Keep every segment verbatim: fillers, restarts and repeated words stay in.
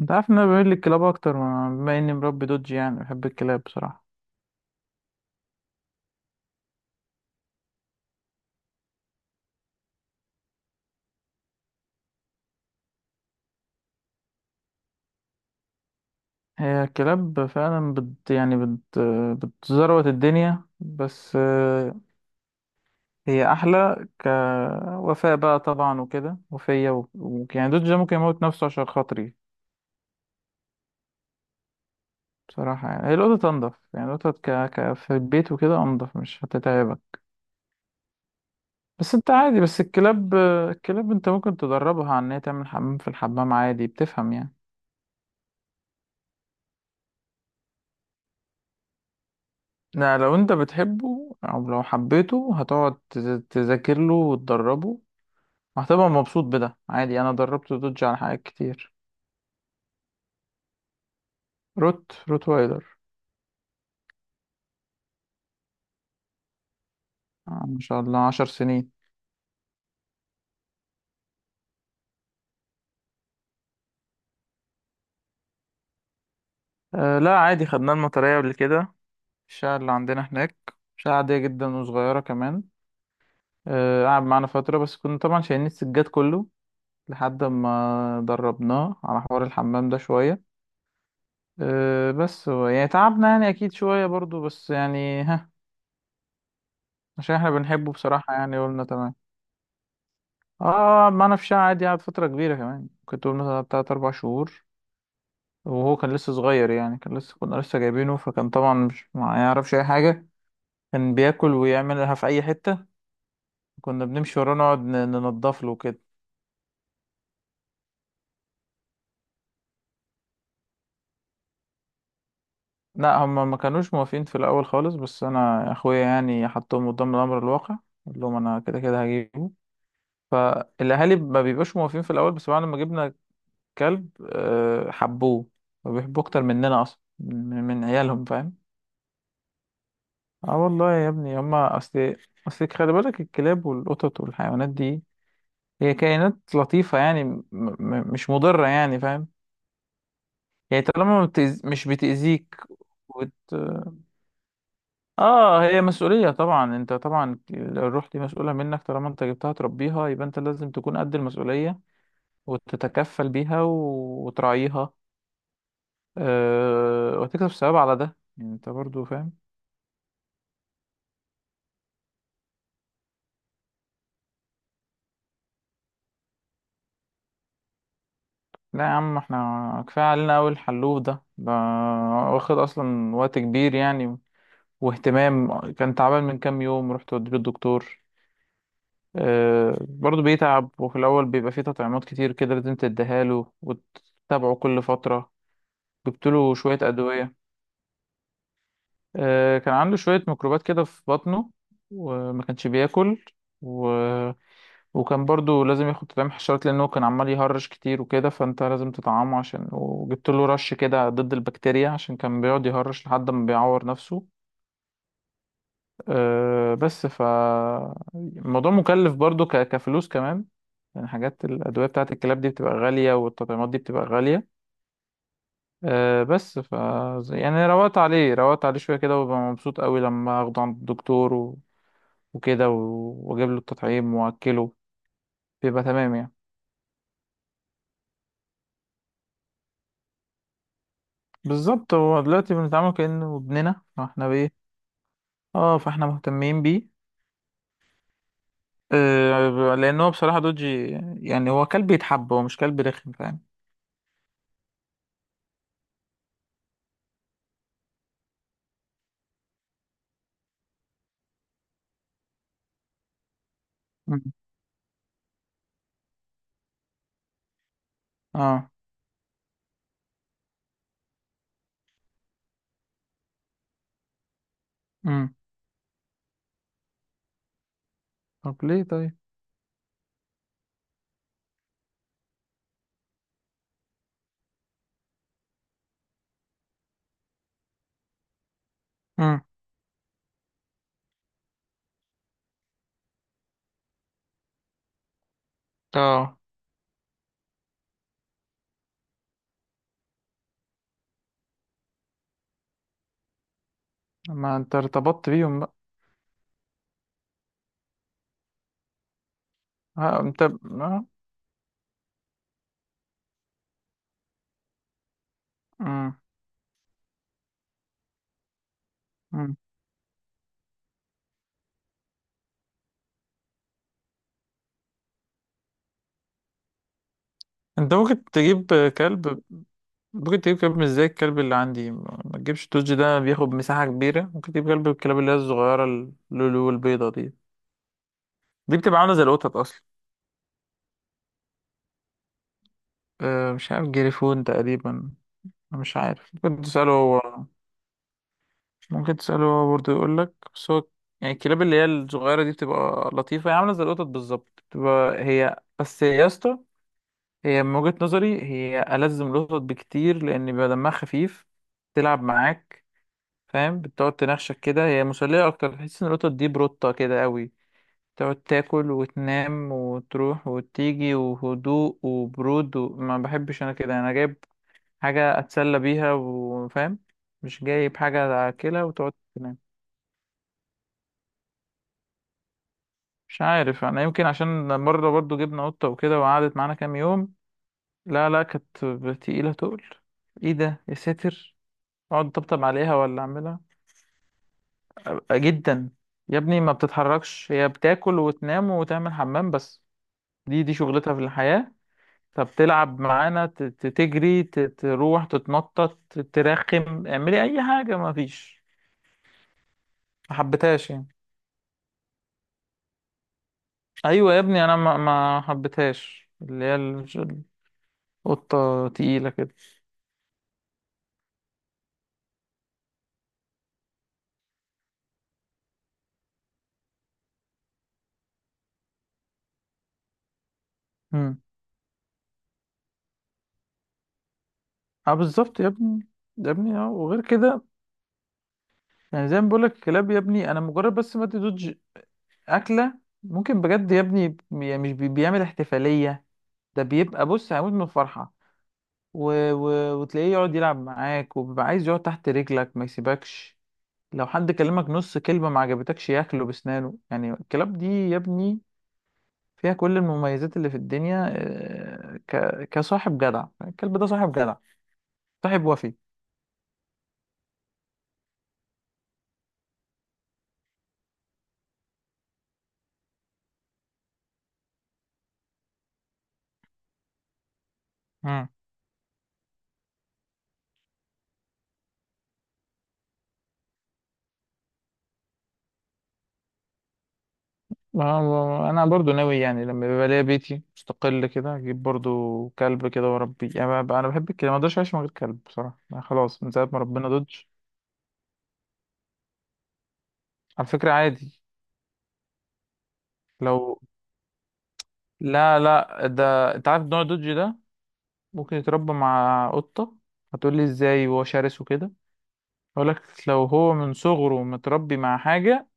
انت عارف ان انا بميل للكلاب اكتر ما- بما اني مربي دوج، يعني بحب الكلاب بصراحة. هي الكلاب فعلا بت، يعني بت بتزروت الدنيا، بس آه، هي احلى كوفاء بقى طبعا وكده، وفية و... و... يعني دوج ده ممكن يموت نفسه عشان خاطري. بصراحة يعني هي القطط انضف، يعني القطط ك... ك... في البيت وكده انضف، مش هتتعبك. بس انت عادي، بس الكلاب الكلاب انت ممكن تدربها على ان هي تعمل حمام في الحمام، عادي بتفهم يعني. لا، لو انت بتحبه او لو حبيته هتقعد تز- تذاكر له وتدربه، وهتبقى مبسوط بده عادي، انا دربت دوج على حاجات كتير. روت روت وايلر. آه، ما شاء الله عشر سنين. أه لا، عادي خدناه المطرية قبل كده. الشقة اللي عندنا هناك شقة عادية جدا وصغيرة كمان. أه، قعد معانا فترة، بس كنا طبعا شايلين السجاد كله لحد ما دربناه على حوار الحمام ده شوية. أه، بس هو يعني تعبنا، يعني أكيد شوية برضو، بس يعني ها، عشان احنا بنحبه بصراحة، يعني قلنا تمام. اه، ما انا في شقة عادي، قعد فترة كبيرة كمان، كنت قلنا مثلا تلات أربع شهور. وهو كان لسه صغير، يعني كان لسه كنا لسه جايبينه، فكان طبعا مش ما يعرفش أي حاجة، كان بياكل ويعملها في أي حتة. كنا بنمشي وراه نقعد ن- ننضف له كده. لا، هما ما كانوش موافقين في الأول خالص، بس أنا أخويا يعني حطهم قدام الأمر الواقع، قلت لهم أنا كده كده هجيبه. فالأهالي ما بيبقاش موافقين في الأول، بس بعد ما جبنا كلب، آه، حبوه، وبيحبوه أكتر مننا أصلا، من من عيالهم، فاهم؟ اه والله يا ابني، هما أصل أصل، خلي بالك الكلاب والقطط والحيوانات دي، هي كائنات لطيفة، يعني م... م... مش مضرة، يعني فاهم. يعني طالما ما بتأز... مش بتأذيك. وت... اه، هي مسؤولية طبعا، انت طبعا الروح دي مسؤولة منك، طالما انت جبتها تربيها يبقى انت لازم تكون قد المسؤولية، وتتكفل بيها و... وتراعيها. أه... وتكسب ثواب على ده، يعني انت برضو فاهم. لا يا عم، احنا كفاية علينا أوي الحلوف ده ده، واخد أصلا وقت كبير يعني، واهتمام، كان تعبان من كام يوم، رحت وديه الدكتور. اه، برضه بيتعب، وفي الأول بيبقى فيه تطعيمات كتير كده لازم تديها له وتتابعه كل فترة، جبت له شوية أدوية. آه، كان عنده شوية ميكروبات كده في بطنه، وما كانش بياكل. و... وكان برضو لازم ياخد تطعيم حشرات، لأنه كان عمال يهرش كتير وكده، فأنت لازم تطعمه، عشان وجبت له رش كده ضد البكتيريا، عشان كان بيقعد يهرش لحد ما بيعور نفسه. آه، بس ف الموضوع مكلف برضو، ك... كفلوس كمان، يعني حاجات الأدوية بتاعة الكلاب دي بتبقى غالية، والتطعيمات دي بتبقى غالية. أه بس ف يعني روقت عليه روقت عليه شوية كده، وببقى مبسوط قوي لما اخده عند الدكتور وكده، و- واجيب له التطعيم واكله، بيبقى تمام يعني. بالظبط، هو دلوقتي بنتعامل كأنه ابننا، فاحنا بايه، اه، فاحنا مهتمين بيه. آه، لان هو بصراحة دوجي، يعني هو كلب يتحب، هو مش كلب رخم، فاهم. مم. اه. امم. طب ليه طيب؟ امم. اه، ما انت ارتبطت بيهم بقى. آه، انت. آه. مم. مم. انت ممكن تجيب كلب ممكن تجيب كلب مش زي الكلب اللي عندي، ما ما تجيبش، التوج ده بياخد مساحة كبيرة، ممكن تجيب كلب، الكلاب اللي هي الصغيرة، اللولو البيضة دي، دي بتبقى عاملة زي القطط أصلا. أه، مش عارف، جريفون تقريبا. أنا مش عارف، ممكن تسأله هو، ممكن تسأله هو برضه يقول لك، بس هو يعني الكلاب اللي هي الصغيرة دي بتبقى لطيفة، هي عاملة زي القطط بالظبط، بتبقى هي بس يا اسطى. هي من وجهة نظري هي ألزم القطط بكتير، لأن بيبقى دمها خفيف، تلعب معاك، فاهم، بتقعد تنخشك كده، هي مسلية أكتر. تحس إن القطط دي بروتة كده أوي، تقعد تاكل وتنام وتروح وتيجي، وهدوء وبرود، وما بحبش أنا كده. أنا جايب حاجة أتسلى بيها، وفاهم، مش جايب حاجة أكلها وتقعد تنام. مش عارف، أنا يمكن عشان مرة برضو جبنا قطة وكده وقعدت معانا كام يوم، لا لا، كانت تقيلة تقل، إيه ده يا ساتر، أقعد أطبطب عليها ولا أعملها جدا. يا ابني ما بتتحركش، هي بتاكل وتنام وتعمل حمام بس، دي دي شغلتها في الحياة. فبتلعب معانا ت- ت- تجري، ت- تروح، تتنطط، ت- ترخم، اعملي اي حاجة، ما فيش، ما حبيتهاش يعني. ايوه يا ابني، انا ما ما حبيتهاش، اللي هي ال- القطة تقيلة كده. امم. اه، بالظبط يا ابني. يا ابني، اه، وغير كده يعني، زي ما بقولك الكلاب يا ابني، انا مجرد بس ما تدوج اكلة، ممكن بجد يا ابني، بي- مش بي- بيعمل احتفالية، ده بيبقى بص هيموت من الفرحة، و... و... وتلاقيه يقعد يلعب معاك، وبيبقى عايز يقعد تحت رجلك، ما يسيبكش. لو حد كلمك نص كلمة ما عجبتكش، ياكله بسنانه، يعني الكلاب دي يا ابني فيها كل المميزات اللي في الدنيا. آه، ك... كصاحب جدع، الكلب ده صاحب جدع، صاحب وفي. مم. ما- انا برضو ناوي، يعني لما بيبقى ليا بيتي مستقل كده اجيب برضو كلب كده واربيه، يعني بقى- بقى انا بحب الكلاب، ما اقدرش اعيش من غير كلب بصراحة، أنا خلاص من ساعة ما ربنا دودج. على فكرة عادي. لو... لا لا، ده انت عارف نوع دوجي ده، ممكن يتربى مع قطة، هتقولي ازاي وهو شرس وكده، اقولك، لو هو من صغره متربي مع حاجة،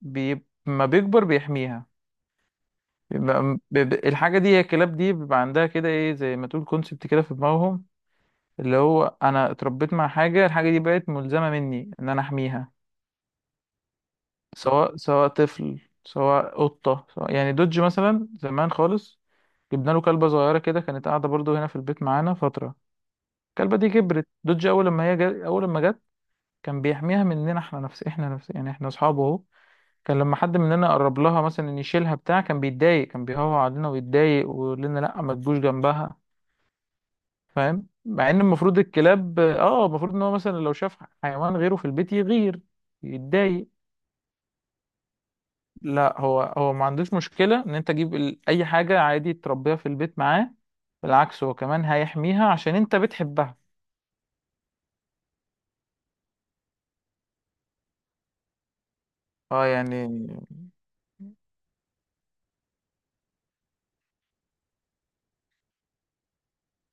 بي... ما بيكبر بيحميها، بيبقى م- ب... ب... الحاجة دي، هي الكلاب دي بيبقى عندها كده ايه، زي ما تقول كونسبت كده في دماغهم، اللي هو انا اتربيت مع حاجة، الحاجة دي بقت ملزمة مني ان انا احميها، سواء سواء طفل، سواء قطة، سواء... يعني دوج مثلا زمان خالص، جبنا له كلبة صغيرة كده، كانت قاعدة برضو هنا في البيت معانا فترة. الكلبة دي كبرت، دوج أول لما هي جا... أول لما جت، كان بيحميها مننا، احنا نفس احنا نفس، يعني احنا أصحابه أهو. كان لما حد مننا قرب لها مثلا ان يشيلها بتاع، كان بيتضايق، كان بيهوى علينا ويتضايق، ويقول لنا لأ، ما تجوش جنبها، فاهم، مع إن المفروض الكلاب اه المفروض إن هو مثلا لو شاف حيوان غيره في البيت، يغير، يتضايق. لا، هو هو ما عندوش مشكلة إن أنت تجيب ال- أي حاجة، عادي تربيها في البيت معاه، بالعكس هو كمان هيحميها عشان أنت بتحبها. اه يعني،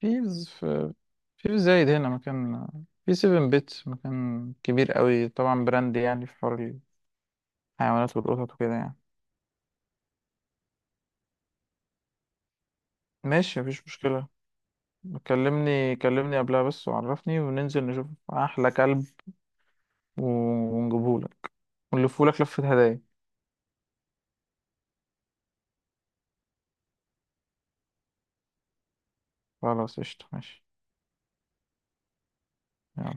في في في زايد هنا مكان، في سيفن بيتس، مكان كبير قوي طبعا، براند، يعني في حوار الحيوانات والقطط وكده يعني. ماشي، مفيش مشكلة، كلمني كلمني قبلها بس وعرفني، وننزل نشوف أحلى كلب ونجيبهولك، ونلفهولك لفة هدايا. خلاص قشطة ماشي يلا.